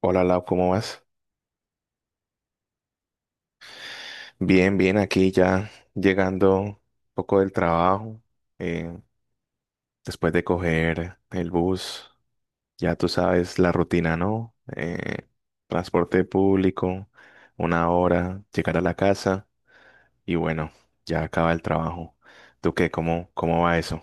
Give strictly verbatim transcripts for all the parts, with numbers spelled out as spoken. Hola Lau, ¿cómo vas? Bien, bien, aquí ya llegando un poco del trabajo, eh, después de coger el bus, ya tú sabes la rutina, ¿no? Eh, transporte público, una hora, llegar a la casa y bueno, ya acaba el trabajo. ¿Tú qué? ¿Cómo, cómo va eso?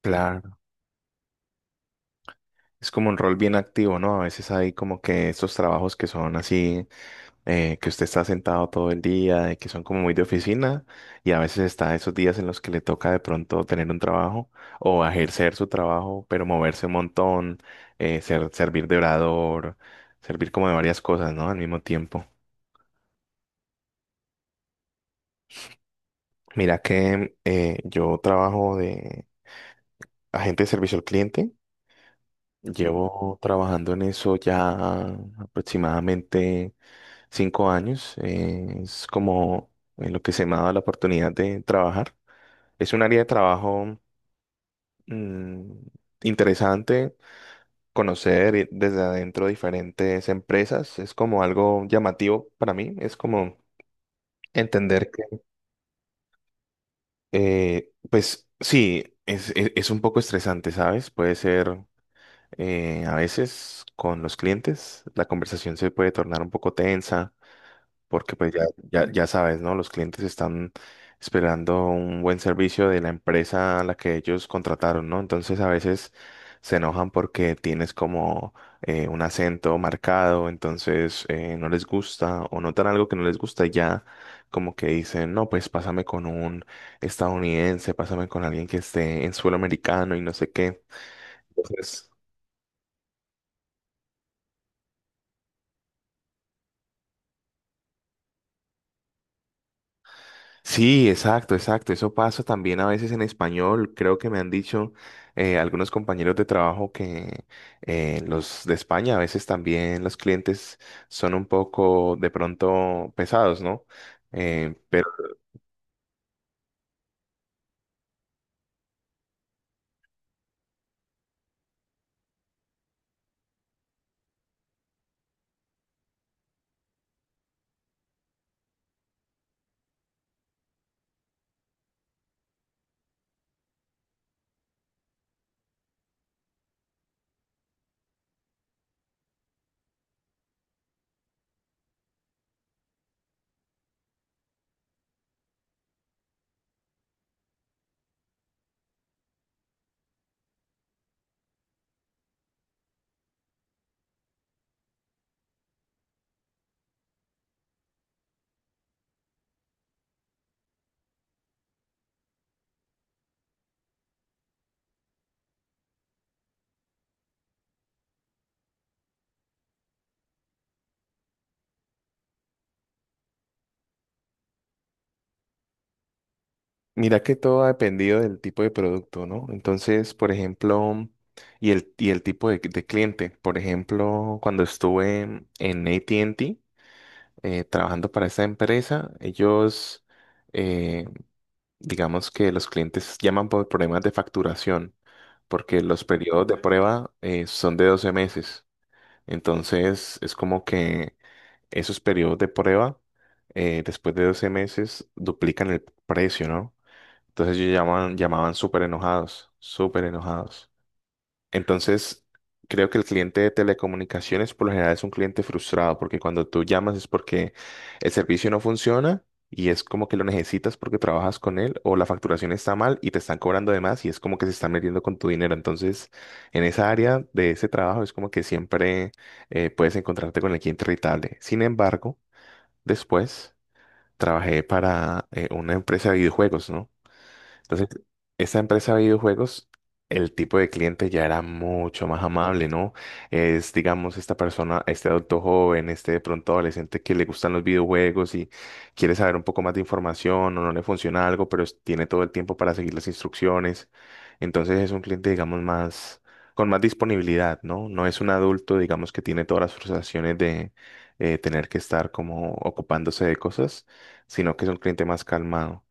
Claro. Es como un rol bien activo, ¿no? A veces hay como que estos trabajos que son así, eh, que usted está sentado todo el día, y que son como muy de oficina, y a veces está esos días en los que le toca de pronto tener un trabajo o ejercer su trabajo, pero moverse un montón, eh, ser- servir de orador, servir como de varias cosas, ¿no? Al mismo tiempo. Mira que eh, yo trabajo de agente de servicio al cliente. Llevo trabajando en eso ya aproximadamente cinco años. Eh, es como en lo que se me ha dado la oportunidad de trabajar. Es un área de trabajo mm, interesante, conocer eh, desde adentro diferentes empresas. Es como algo llamativo para mí. Es como entender que, eh, pues sí, es, es es un poco estresante, ¿sabes? Puede ser. Eh, a veces con los clientes la conversación se puede tornar un poco tensa porque pues ya, ya, ya sabes, ¿no? Los clientes están esperando un buen servicio de la empresa a la que ellos contrataron, ¿no? Entonces a veces se enojan porque tienes como eh, un acento marcado, entonces eh, no les gusta o notan algo que no les gusta y ya como que dicen, no, pues pásame con un estadounidense, pásame con alguien que esté en suelo americano y no sé qué. Entonces, sí, exacto, exacto. Eso pasa también a veces en español. Creo que me han dicho eh, algunos compañeros de trabajo que eh, los de España a veces también los clientes son un poco de pronto pesados, ¿no? Eh, pero mira que todo ha dependido del tipo de producto, ¿no? Entonces, por ejemplo, y el, y el tipo de, de cliente. Por ejemplo, cuando estuve en A T and T eh, trabajando para esta empresa, ellos... eh, digamos que los clientes llaman por problemas de facturación, porque los periodos de prueba eh, son de doce meses. Entonces, es como que esos periodos de prueba, eh, después de doce meses, duplican el precio, ¿no? Entonces, ellos llaman, llamaban súper enojados, súper enojados. Entonces, creo que el cliente de telecomunicaciones por lo general es un cliente frustrado, porque cuando tú llamas es porque el servicio no funciona y es como que lo necesitas porque trabajas con él, o la facturación está mal y te están cobrando de más y es como que se están metiendo con tu dinero. Entonces, en esa área de ese trabajo es como que siempre eh, puedes encontrarte con el cliente irritable. Sin embargo, después trabajé para eh, una empresa de videojuegos, ¿no? Entonces, esa empresa de videojuegos, el tipo de cliente ya era mucho más amable, ¿no? Es, digamos, esta persona, este adulto joven, este de pronto adolescente que le gustan los videojuegos y quiere saber un poco más de información o no le funciona algo, pero es- tiene todo el tiempo para seguir las instrucciones. Entonces, es un cliente, digamos, más, con más disponibilidad, ¿no? No es un adulto, digamos, que tiene todas las frustraciones de eh, tener que estar como ocupándose de cosas, sino que es un cliente más calmado.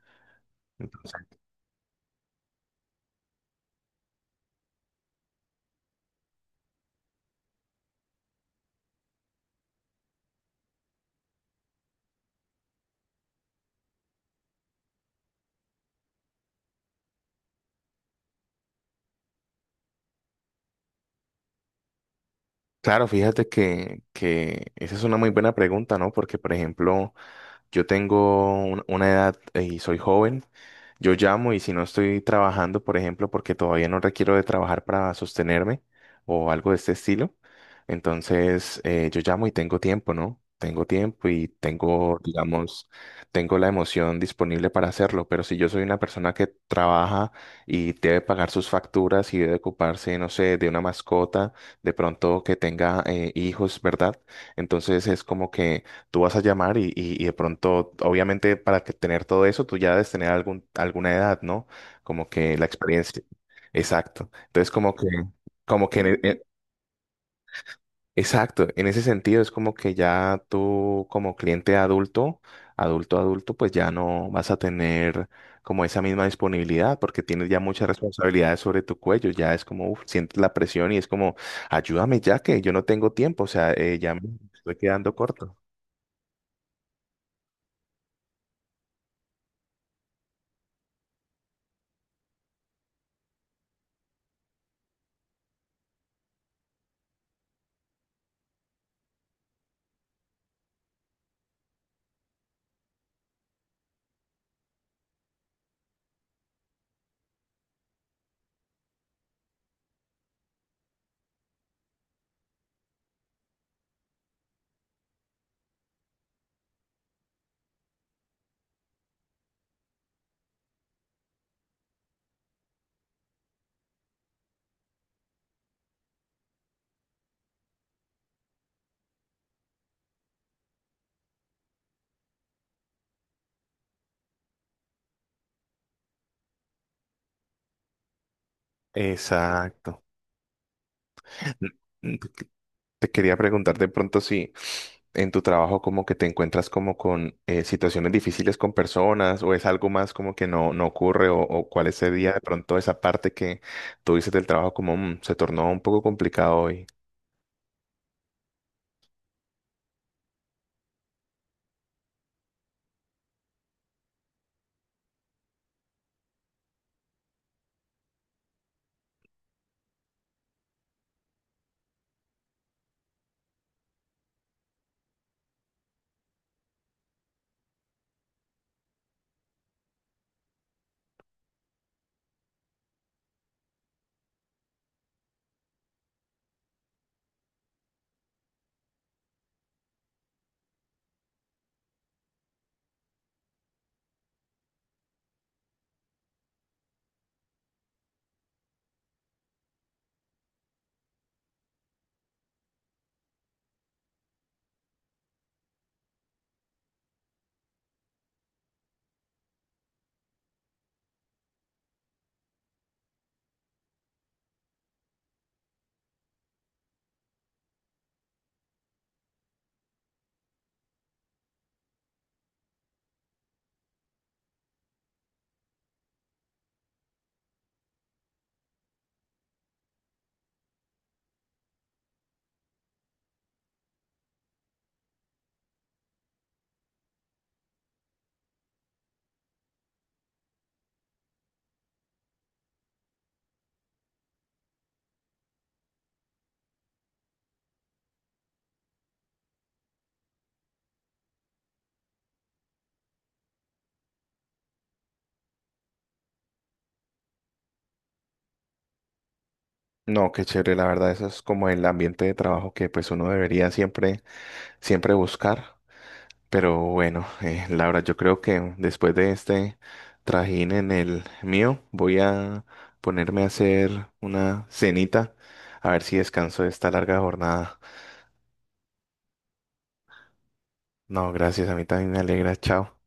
Claro, fíjate que, que esa es una muy buena pregunta, ¿no? Porque, por ejemplo, yo tengo un- una edad eh, y soy joven. Yo llamo y si no estoy trabajando, por ejemplo, porque todavía no requiero de trabajar para sostenerme o algo de este estilo, entonces eh, yo llamo y tengo tiempo, ¿no? Tengo tiempo y tengo, digamos, tengo la emoción disponible para hacerlo, pero si yo soy una persona que trabaja y debe pagar sus facturas y debe ocuparse, no sé, de una mascota, de pronto que tenga eh, hijos, ¿verdad? Entonces es como que tú vas a llamar y, y- y de pronto, obviamente, para que tener todo eso, tú ya debes tener algún, alguna edad, ¿no? Como que la experiencia. Exacto. Entonces, como que, como que, en e- en- exacto, en ese sentido es como que ya tú como cliente adulto, adulto, adulto, pues ya no vas a tener como esa misma disponibilidad porque tienes ya muchas responsabilidades sobre tu cuello, ya es como, uf, sientes la presión y es como, ayúdame ya que yo no tengo tiempo, o sea, eh, ya me estoy quedando corto. Exacto. Te quería preguntar de pronto si en tu trabajo como que te encuentras como con eh, situaciones difíciles con personas o es algo más como que no, no ocurre o, o cuál es ese día de pronto esa parte que tú dices del trabajo como "Mm, se tornó un poco complicado hoy." No, qué chévere, la verdad, eso es como el ambiente de trabajo que pues uno debería siempre, siempre buscar. Pero bueno, eh, Laura, yo creo que después de este trajín en el mío, voy a ponerme a hacer una cenita, a ver si descanso de esta larga jornada. No, gracias, a mí también me alegra, chao.